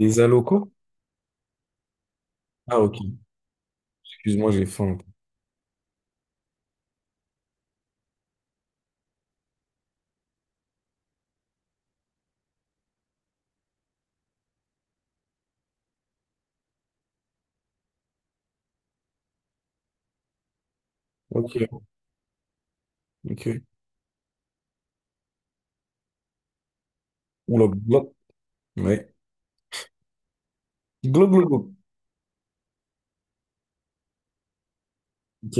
Des allocaux? Ah, ok. Excuse-moi, j'ai faim. Ok, ok. Oula, glock. Ouais. Glock, glock, glock. Ok.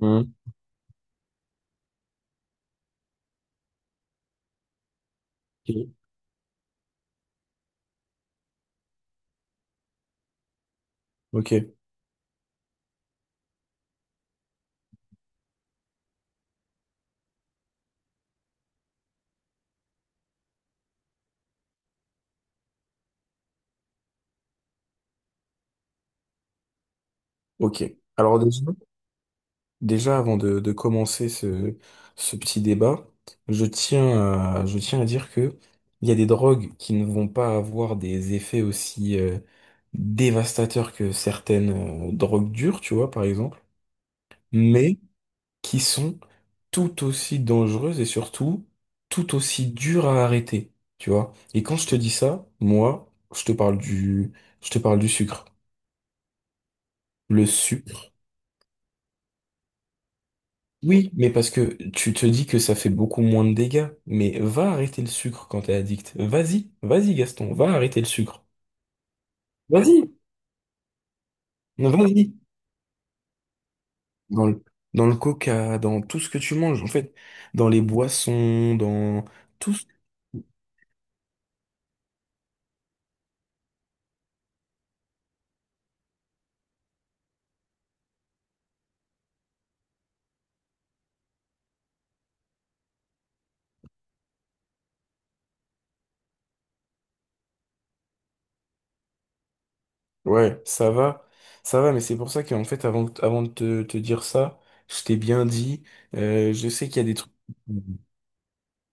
Hmm. Ok, ok. Ok. Alors, déjà, déjà, avant de commencer ce, ce petit débat, je tiens je tiens à dire que il y a des drogues qui ne vont pas avoir des effets aussi dévastateurs que certaines drogues dures, tu vois, par exemple. Mais qui sont tout aussi dangereuses et surtout tout aussi dures à arrêter, tu vois. Et quand je te dis ça, moi, je te parle je te parle du sucre. Le sucre. Oui, mais parce que tu te dis que ça fait beaucoup moins de dégâts, mais va arrêter le sucre quand t'es addict. Vas-y, vas-y Gaston, va arrêter le sucre. Vas-y, vas-y. Dans le, dans le coca, dans tout ce que tu manges, en fait, dans les boissons, dans tout. Ouais, ça va, mais c'est pour ça qu'en fait, avant, avant de te dire ça, je t'ai bien dit, je sais qu'il y a des trucs.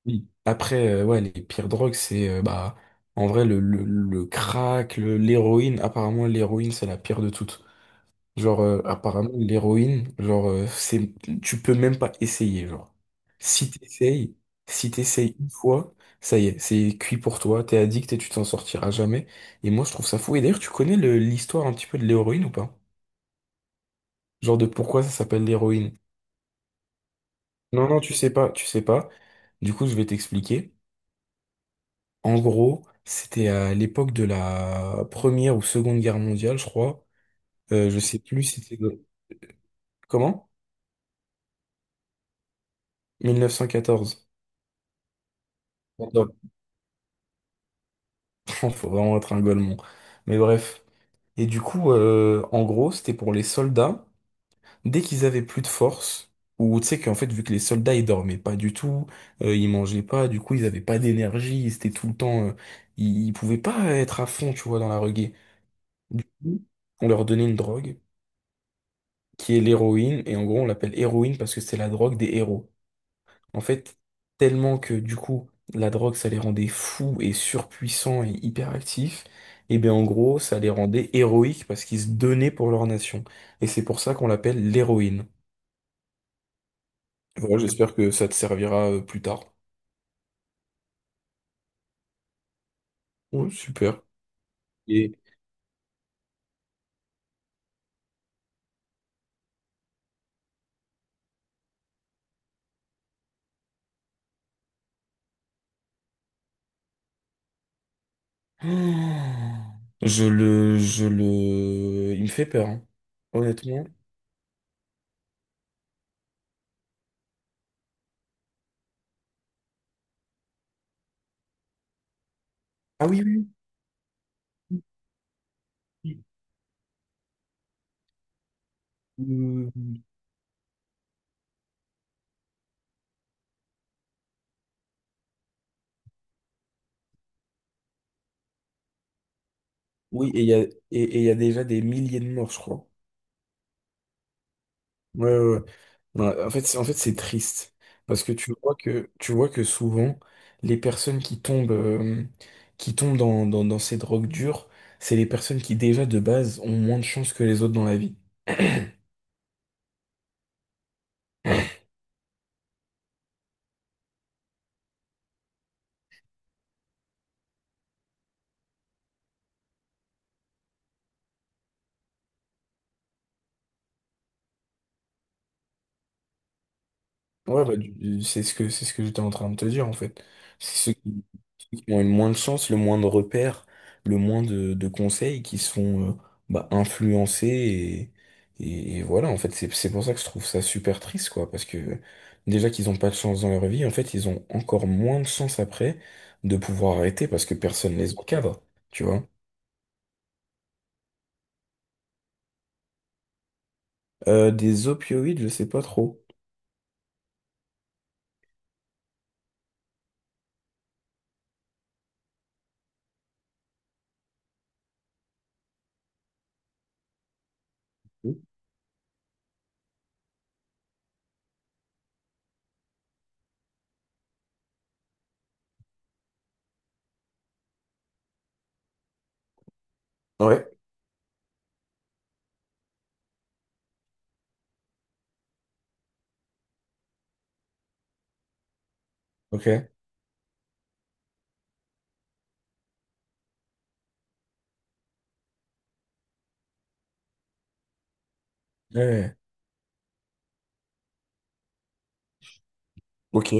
Oui. Après, ouais, les pires drogues, c'est bah, en vrai, le crack, l'héroïne, apparemment, l'héroïne, c'est la pire de toutes. Genre, apparemment, l'héroïne, genre, c'est, tu peux même pas essayer, genre. Si t'essayes, si t'essayes une fois, ça y est, c'est cuit pour toi, t'es addict et tu t'en sortiras jamais. Et moi, je trouve ça fou. Et d'ailleurs, tu connais l'histoire un petit peu de l'héroïne ou pas? Genre de pourquoi ça s'appelle l'héroïne? Non, non, tu sais pas, tu sais pas. Du coup, je vais t'expliquer. En gros, c'était à l'époque de la Première ou Seconde Guerre mondiale, je crois. Je sais plus, si c'était... Comment? 1914. Faut vraiment être un golemon. Mais bref. Et du coup, en gros, c'était pour les soldats. Dès qu'ils avaient plus de force, ou tu sais qu'en fait, vu que les soldats, ils dormaient pas du tout, ils mangeaient pas, du coup, ils avaient pas d'énergie, ils étaient tout le temps, ils pouvaient pas être à fond, tu vois, dans la reggae. On leur donnait une drogue, qui est l'héroïne, et en gros, on l'appelle héroïne parce que c'est la drogue des héros. En fait, tellement que du coup, la drogue, ça les rendait fous et surpuissants et hyperactifs, et bien en gros, ça les rendait héroïques parce qu'ils se donnaient pour leur nation. Et c'est pour ça qu'on l'appelle l'héroïne. Voilà, j'espère que ça te servira plus tard. Ouais, super. Et je le, il me fait peur, hein. Honnêtement. Ah oui, oui. Oui. Oui, oui, oui. Oui, et il y a déjà des milliers de morts, je crois. Ouais, ouais, ouais. Ouais, en fait, en fait, c'est triste parce que tu vois que tu vois que souvent les personnes qui tombent dans ces drogues dures, c'est les personnes qui déjà de base ont moins de chance que les autres dans la vie. Ouais, bah, c'est ce que j'étais en train de te dire, en fait. C'est ceux qui ont le moins de chance, le moins de repères, le moins de conseils qui sont bah, influencés et voilà, en fait, c'est pour ça que je trouve ça super triste, quoi, parce que déjà qu'ils ont pas de chance dans leur vie, en fait, ils ont encore moins de chance après de pouvoir arrêter parce que personne les encadre, tu vois. Des opioïdes, je sais pas trop. Ouais. Ok. Ouais. Ok.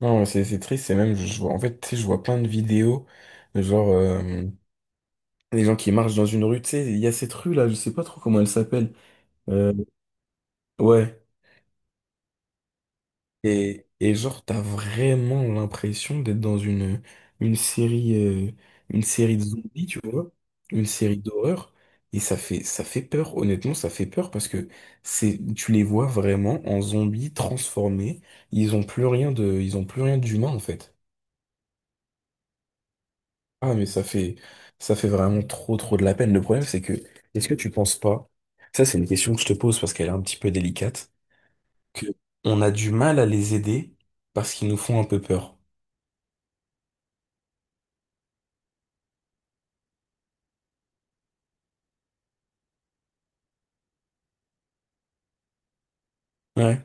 Non, c'est triste, c'est même, je vois, en fait, tu sais, je vois plein de vidéos, de genre, les gens qui marchent dans une rue, tu sais, il y a cette rue-là, je sais pas trop comment elle s'appelle. Euh, ouais. Et genre, t'as vraiment l'impression d'être dans une série, euh, une série de zombies, tu vois, une série d'horreur. Et ça fait peur, honnêtement, ça fait peur parce que c'est, tu les vois vraiment en zombies transformés. Ils ont plus rien d'humain, en fait. Ah, mais ça fait vraiment trop, trop de la peine. Le problème, c'est que, est-ce que tu penses pas, ça, c'est une question que je te pose parce qu'elle est un petit peu délicate, que on a du mal à les aider parce qu'ils nous font un peu peur. Ouais.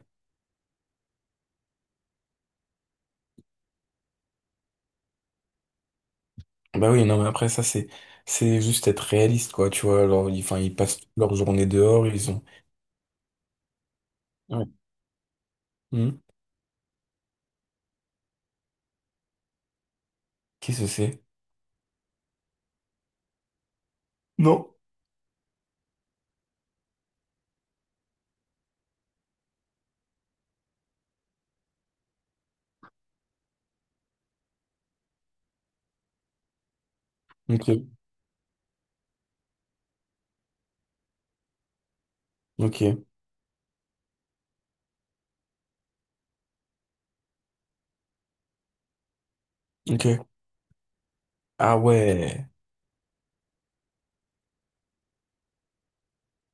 Bah oui, non, mais après, ça, c'est juste être réaliste, quoi, tu vois. Alors, ils, enfin, ils passent toute leur journée dehors, ils ont. Ouais. Hmm. Qui ce c'est? Non. Ok, ok, ok. Ah ouais.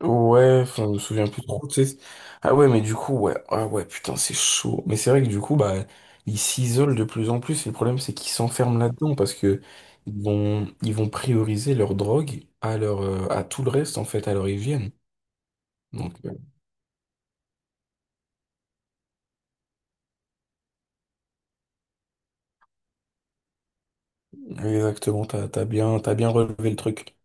Ouais, enfin, je me souviens plus trop, tu sais. Ah ouais, mais du coup, ouais. Ah ouais, putain, c'est chaud. Mais c'est vrai que du coup, bah, ils s'isolent de plus en plus. Et le problème, c'est qu'ils s'enferment là-dedans parce que ils vont prioriser leur drogue à leur, à tout le reste, en fait, à leur hygiène. Donc, exactement, t'as, t'as bien relevé le truc.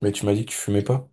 Mais tu m'as dit que tu fumais pas.